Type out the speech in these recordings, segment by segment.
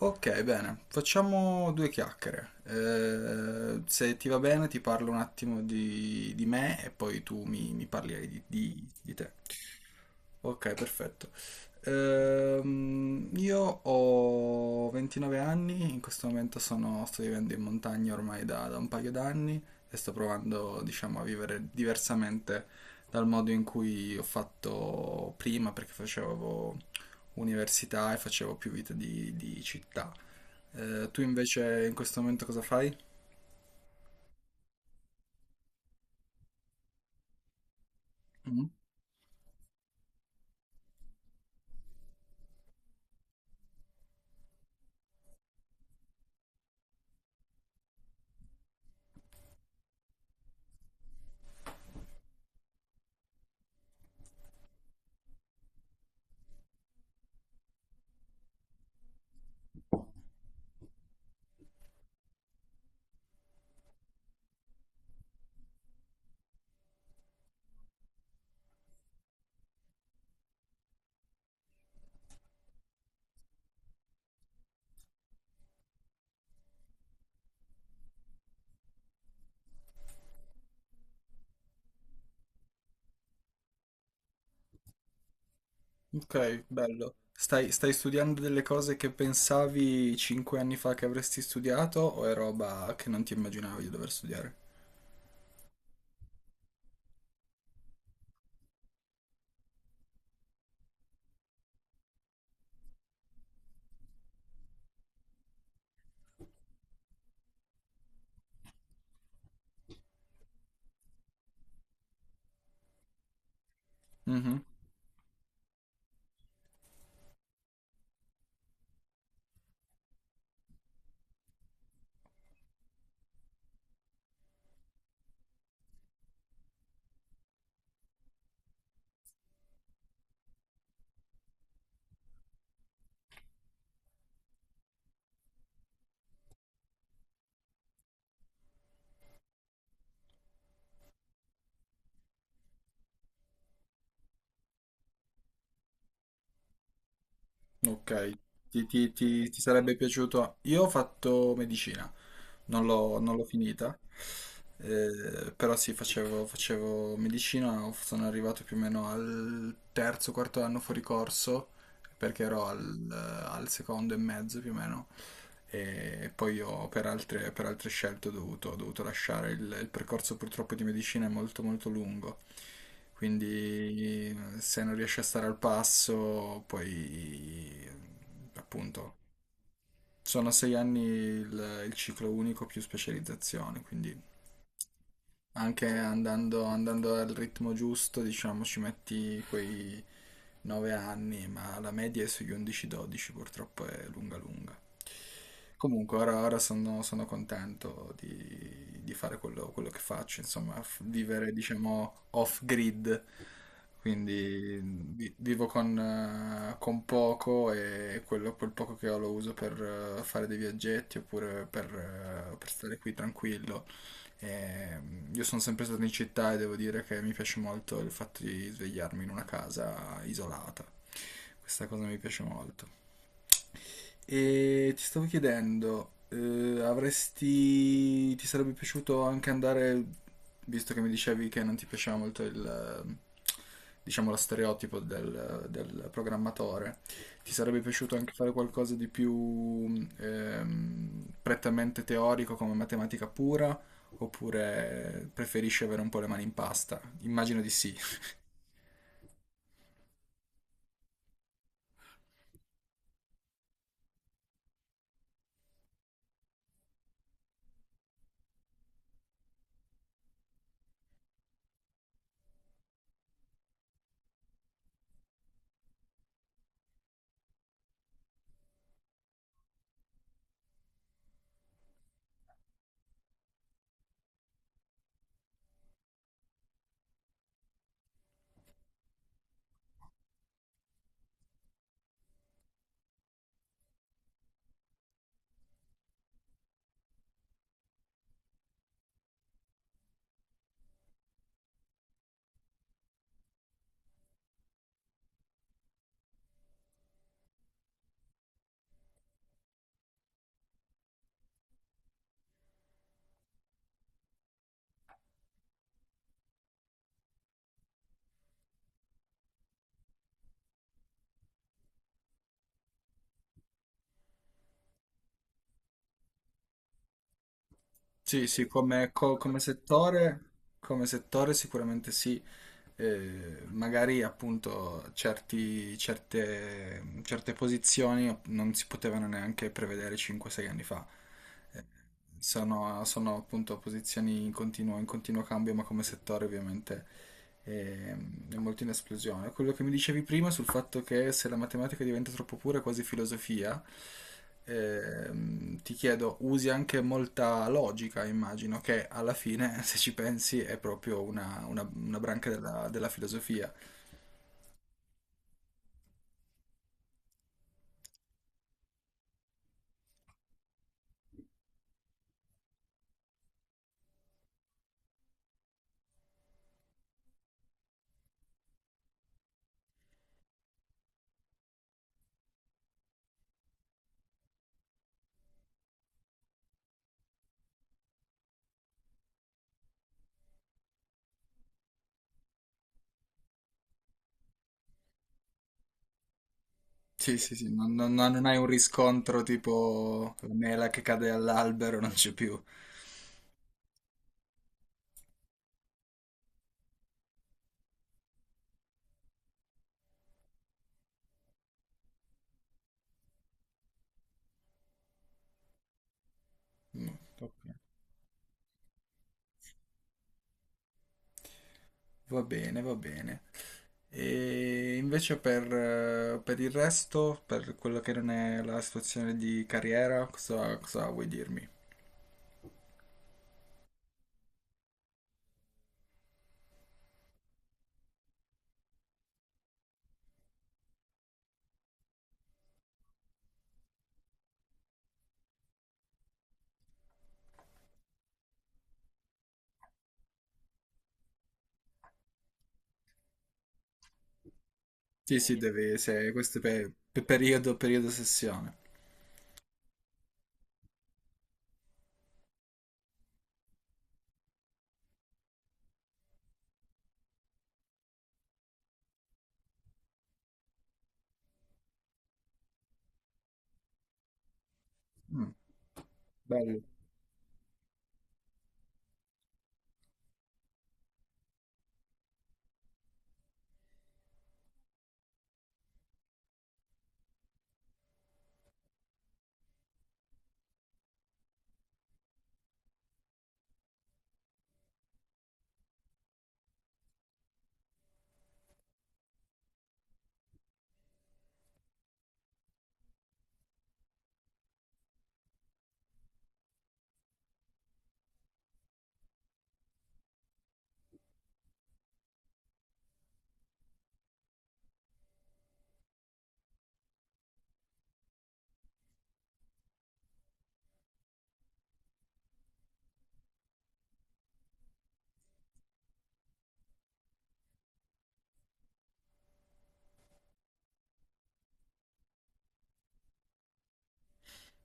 Ok, bene, facciamo due chiacchiere. Se ti va bene, ti parlo un attimo di me e poi tu mi parli di, di te. Ok, perfetto. Io ho 29 anni, in questo momento sto vivendo in montagna ormai da un paio d'anni e sto provando, diciamo, a vivere diversamente dal modo in cui ho fatto prima, perché facevo università e facevo più vita di città. Tu invece in questo momento cosa fai? Mm. Ok, bello. Stai studiando delle cose che pensavi cinque anni fa che avresti studiato o è roba che non ti immaginavi di dover studiare? Mhm. Ok, ti sarebbe piaciuto? Io ho fatto medicina, non l'ho non l'ho finita. Però sì, facevo medicina, sono arrivato più o meno al terzo, quarto anno fuori corso, perché ero al, al secondo e mezzo più o meno, e poi ho per altre scelte ho dovuto lasciare il percorso. Purtroppo di medicina è molto molto lungo, quindi se non riesci a stare al passo, poi appunto sono sei anni il ciclo unico più specializzazione, quindi... Anche andando, andando al ritmo giusto, diciamo, ci metti quei 9 anni, ma la media è sugli 11-12, purtroppo è lunga lunga. Comunque, ora sono, sono contento di fare quello, quello che faccio, insomma, vivere, diciamo, off-grid, quindi vivo con poco e quello, quel poco che ho lo uso per fare dei viaggetti oppure per stare qui tranquillo. Eh, io sono sempre stato in città e devo dire che mi piace molto il fatto di svegliarmi in una casa isolata. Questa cosa mi piace molto. E ti stavo chiedendo, avresti... ti sarebbe piaciuto anche andare, visto che mi dicevi che non ti piaceva molto il diciamo, lo stereotipo del, del programmatore, ti sarebbe piaciuto anche fare qualcosa di più prettamente teorico come matematica pura, oppure preferisci avere un po' le mani in pasta? Immagino di sì. Sì, sì, come, come settore sicuramente sì. Magari appunto certe, certe posizioni non si potevano neanche prevedere 5-6 anni fa. Eh, Sono, sono appunto posizioni in continuo cambio, ma come settore ovviamente è, è molto in esplosione. Quello che mi dicevi prima sul fatto che se la matematica diventa troppo pura, è quasi filosofia, ti chiedo, usi anche molta logica, immagino, che alla fine, se ci pensi, è proprio una, una branca della, della filosofia. Sì, sì, sì, non, no, non hai un riscontro tipo la mela che cade all'albero, non c'è più. Mm, ok. Va bene, va bene. E invece per il resto, per quello che non è la situazione di carriera, cosa, cosa vuoi dirmi? Sì, sì, devi, se, questo è per periodo, periodo sessione. Mm, bello.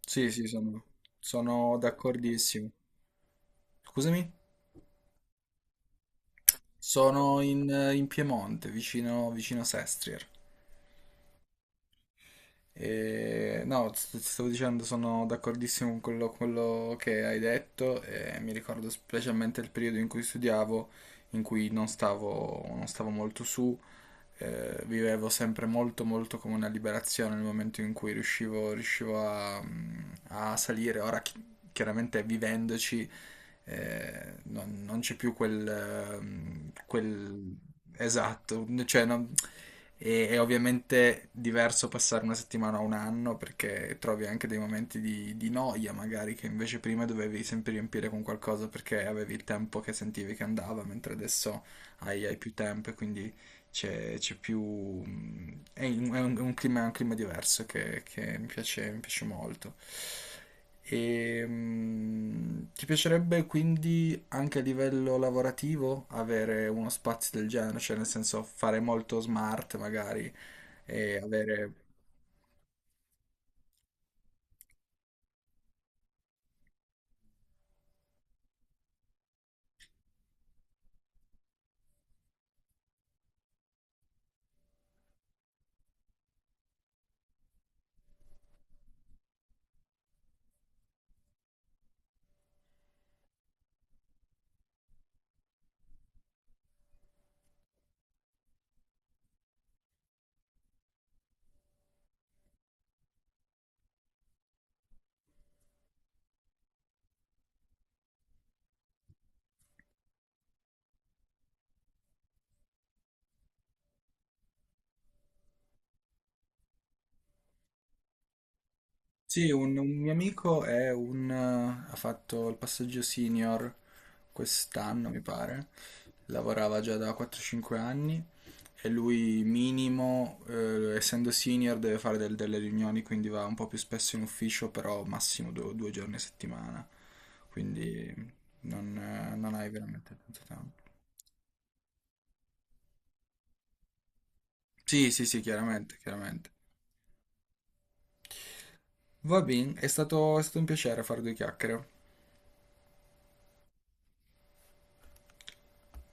Sì, sì, sono d'accordissimo. Scusami? Sono in, in Piemonte, vicino, vicino Sestrier. E no, ti stavo dicendo, sono d'accordissimo con quello, quello che hai detto e mi ricordo specialmente il periodo in cui studiavo, in cui non stavo, non stavo molto su, vivevo sempre molto molto come una liberazione nel momento in cui riuscivo, riuscivo a, a salire. Ora chiaramente vivendoci non, non c'è più quel, quel... Esatto, cioè, non- è ovviamente diverso passare una settimana a un anno perché trovi anche dei momenti di noia magari che invece prima dovevi sempre riempire con qualcosa perché avevi il tempo che sentivi che andava, mentre adesso hai più tempo e quindi c'è più... è un, è un clima diverso che mi piace molto. E, ti piacerebbe quindi anche a livello lavorativo avere uno spazio del genere, cioè nel senso fare molto smart magari e avere... Sì, un mio amico è un, ha fatto il passaggio senior quest'anno, mi pare. Lavorava già da 4-5 anni. E lui minimo, essendo senior, deve fare delle riunioni, quindi va un po' più spesso in ufficio, però massimo due, due giorni a settimana. Quindi non, non hai veramente tanto tempo. Sì, sì, sì, chiaramente, chiaramente. Va bene, è stato un piacere fare due chiacchiere.